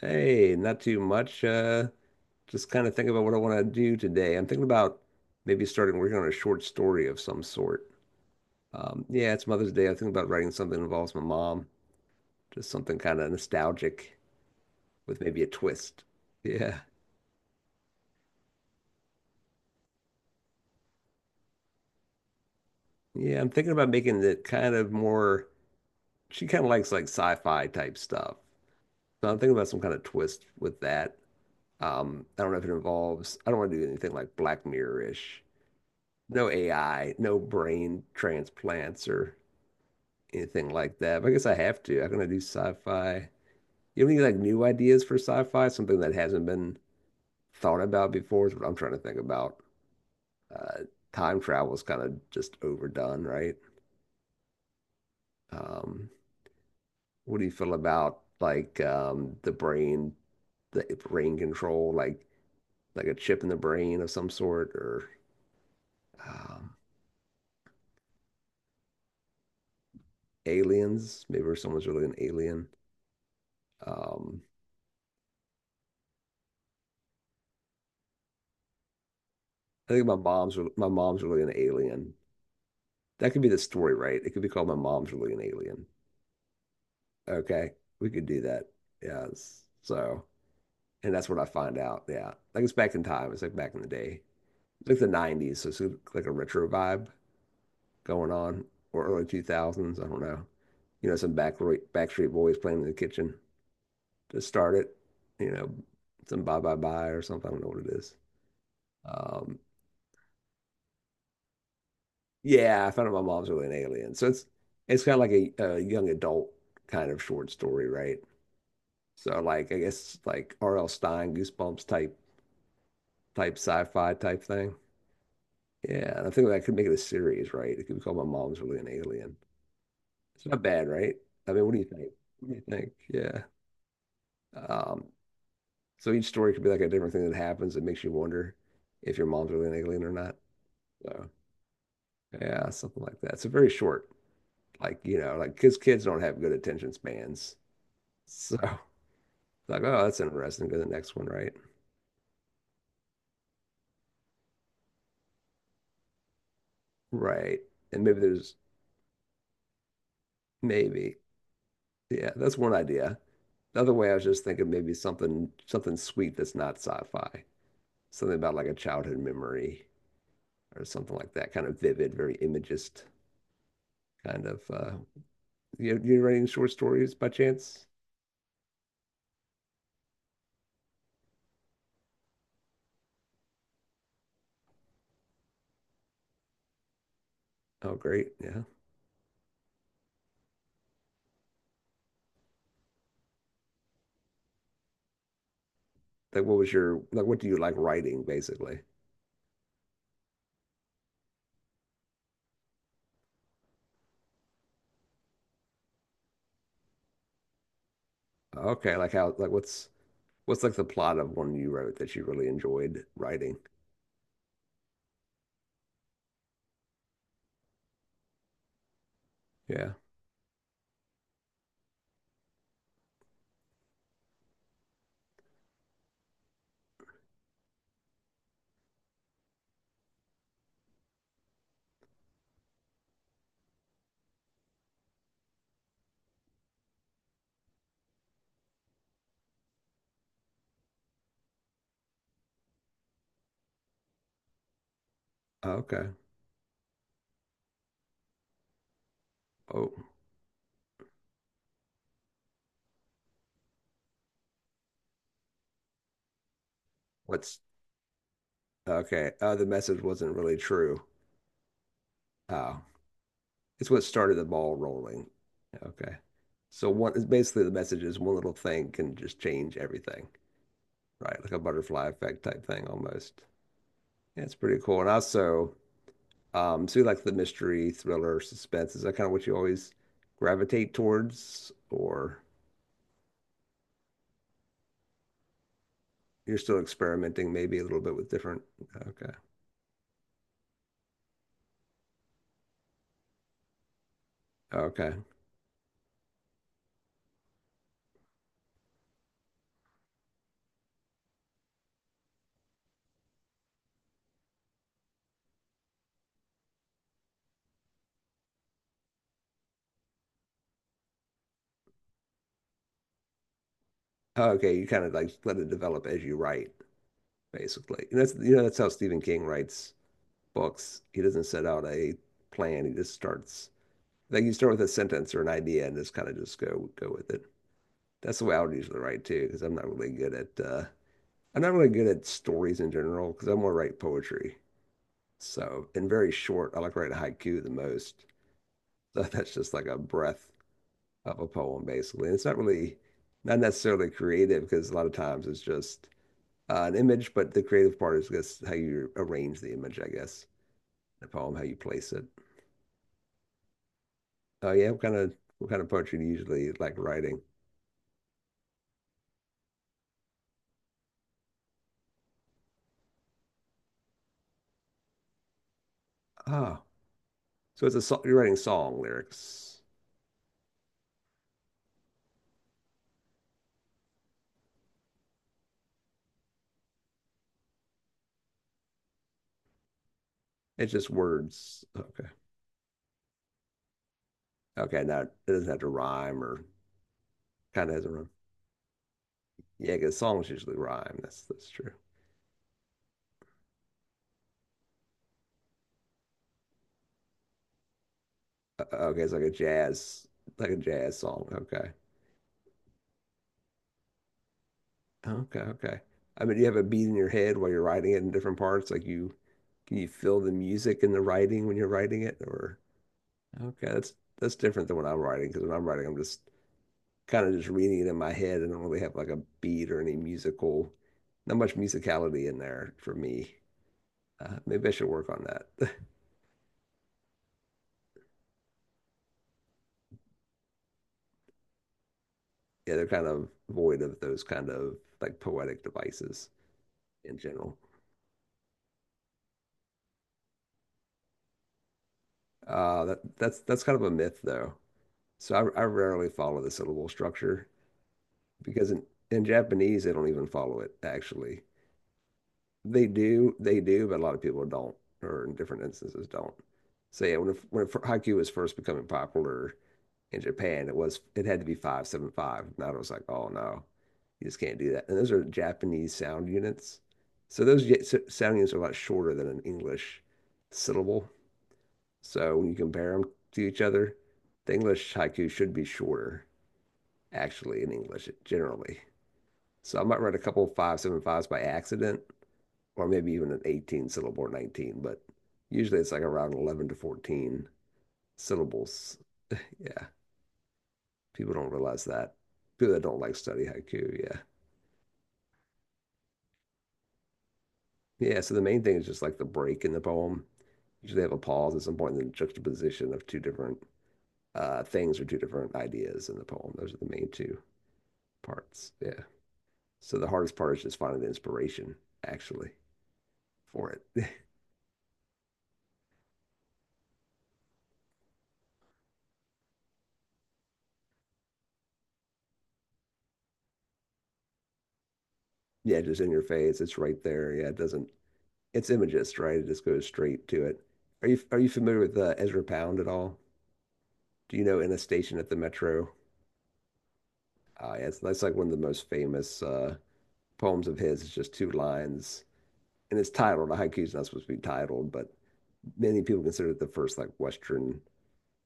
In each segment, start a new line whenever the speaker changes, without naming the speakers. Hey, not too much. Just kind of thinking about what I want to do today. I'm thinking about maybe starting working on a short story of some sort. Yeah, it's Mother's Day. I think about writing something that involves my mom, just something kind of nostalgic with maybe a twist. Yeah. Yeah, I'm thinking about making it kind of more, she kind of likes like sci-fi type stuff. So I'm thinking about some kind of twist with that. I don't know if it involves, I don't want to do anything like Black Mirror-ish. No AI, no brain transplants or anything like that. But I guess I have to. I'm gonna do sci-fi. You have any like new ideas for sci-fi? Something that hasn't been thought about before is what I'm trying to think about. Uh, Time travel is kind of just overdone, right? Um, what do you feel about like the brain control, like a chip in the brain of some sort, or um, aliens? Maybe if someone's really an alien. Um, I think my mom's really an alien. That could be the story, right? It could be called My Mom's Really an Alien. Okay, we could do that. Yes. So, and that's what I find out. Yeah. Like it's back in time. It's like back in the day. It's like the 90s. So it's like a retro vibe going on, or early 2000s. I don't know. You know, some Backstreet Boys playing in the kitchen to start it. You know, some Bye Bye Bye or something. I don't know what it is. Um, yeah, I found out my mom's really an alien. So it's kind of like a young adult kind of short story, right? So like I guess like R.L. Stein, Goosebumps type sci-fi type thing. Yeah, and I think that could make it a series, right? It could be called My Mom's Really an Alien. It's not bad, right? I mean, what do you think? What do you think? Yeah. Um, so each story could be like a different thing that happens that makes you wonder if your mom's really an alien or not. So yeah, something like that. So very short. Like, you know, like kids don't have good attention spans. So like, oh, that's interesting. Go to the next one, right? Right. And maybe there's maybe Yeah, that's one idea. The other way I was just thinking maybe something sweet that's not sci-fi. Something about like a childhood memory or something like that, kind of vivid, very imagist kind of, you writing short stories by chance? Oh, great. Yeah. Like what do you like writing basically? Okay, like how, like what's like the plot of one you wrote that you really enjoyed writing? Yeah. Okay. Oh, what's okay. Oh, the message wasn't really true. Oh, it's what started the ball rolling. Okay. So one is basically the message is one little thing can just change everything, right? Like a butterfly effect type thing almost. Yeah, it's pretty cool. And also, so you like the mystery, thriller, suspense, is that kind of what you always gravitate towards, or you're still experimenting maybe a little bit with different? Okay. Okay. Okay. You kind of like let it develop as you write, basically. And that's how Stephen King writes books. He doesn't set out a plan, he just starts. Like you start with a sentence or an idea and just kind of just go with it. That's the way I would usually write too, because I'm not really good at stories in general because I want to write poetry. So and very short. I like to write a haiku the most. So that's just like a breath of a poem basically. And it's not necessarily creative because a lot of times it's just an image, but the creative part is just how you arrange the image, I guess. The poem, how you place it. Oh yeah, what kind of poetry do you usually like writing? Ah, you're writing song lyrics. It's just words. Okay. Okay. Now it doesn't have to rhyme, or kind of has a rhyme. Yeah, because songs usually rhyme. That's true. Okay, it's like a jazz song. Okay. Okay. Okay. I mean, do you have a beat in your head while you're writing it in different parts? Can you feel the music in the writing when you're writing it? Or okay, that's different than when I'm writing, because when I'm writing, I'm just kind of just reading it in my head. I don't really have like a beat or any musical, not much musicality in there for me. Maybe I should work on that. Yeah, they're kind of void of those kind of like poetic devices in general. That's kind of a myth though. So I rarely follow the syllable structure because in Japanese they don't even follow it actually. They do, but a lot of people don't, or in different instances don't. So yeah, haiku was first becoming popular in Japan, it had to be 575. And I was like, oh no, you just can't do that. And those are Japanese sound units. So those sound units are a lot shorter than an English syllable. So when you compare them to each other, the English haiku should be shorter, actually, in English generally. So I might write a couple of five seven fives by accident, or maybe even an 18 syllable or 19, but usually it's like around 11 to 14 syllables. Yeah. People don't realize that. People that don't like study haiku, yeah. Yeah, so the main thing is just like the break in the poem. Usually have a pause at some point and then juxtaposition of two different things, or two different ideas in the poem. Those are the main two parts. Yeah. So the hardest part is just finding the inspiration actually for it. Yeah, just in your face. It's right there. Yeah, it doesn't. It's imagist, right? It just goes straight to it. Are you familiar with Ezra Pound at all? Do you know In a Station at the Metro? Yeah, it's that's like one of the most famous poems of his. It's just two lines, and it's titled. A haiku is not supposed to be titled, but many people consider it the first like Western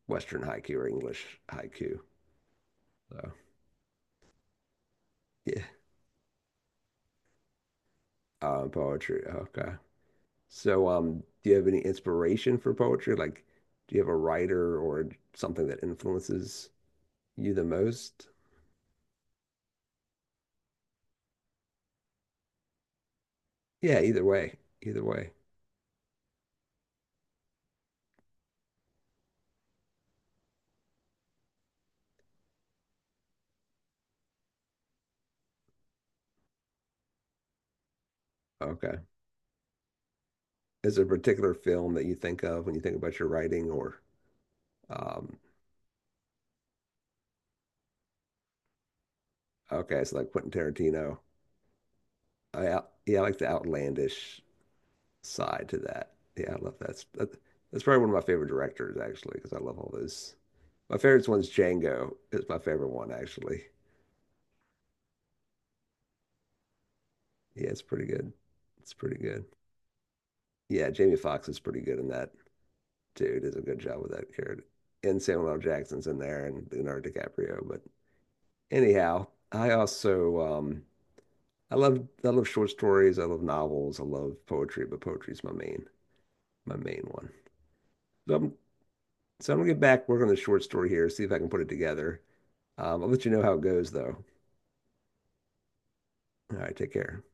Western haiku or English haiku. So yeah, poetry. Okay. So do you have any inspiration for poetry? Like, do you have a writer or something that influences you the most? Yeah, either way, either way. Okay. Is there a particular film that you think of when you think about your writing, or um okay, it's like Quentin Tarantino. Yeah, I like the outlandish side to that. Yeah, I love that. That's probably one of my favorite directors, actually, because I love all those. My favorite one's Django is my favorite one, actually. Yeah, it's pretty good. It's pretty good. Yeah, Jamie Foxx is pretty good in that too. Does a good job with that character. And Samuel L. Jackson's in there, and Leonardo DiCaprio. But anyhow, I also I love short stories. I love novels. I love poetry, but poetry's my main one. So I'm So I'm gonna get back, work on the short story here, see if I can put it together. I'll let you know how it goes, though. All right, take care.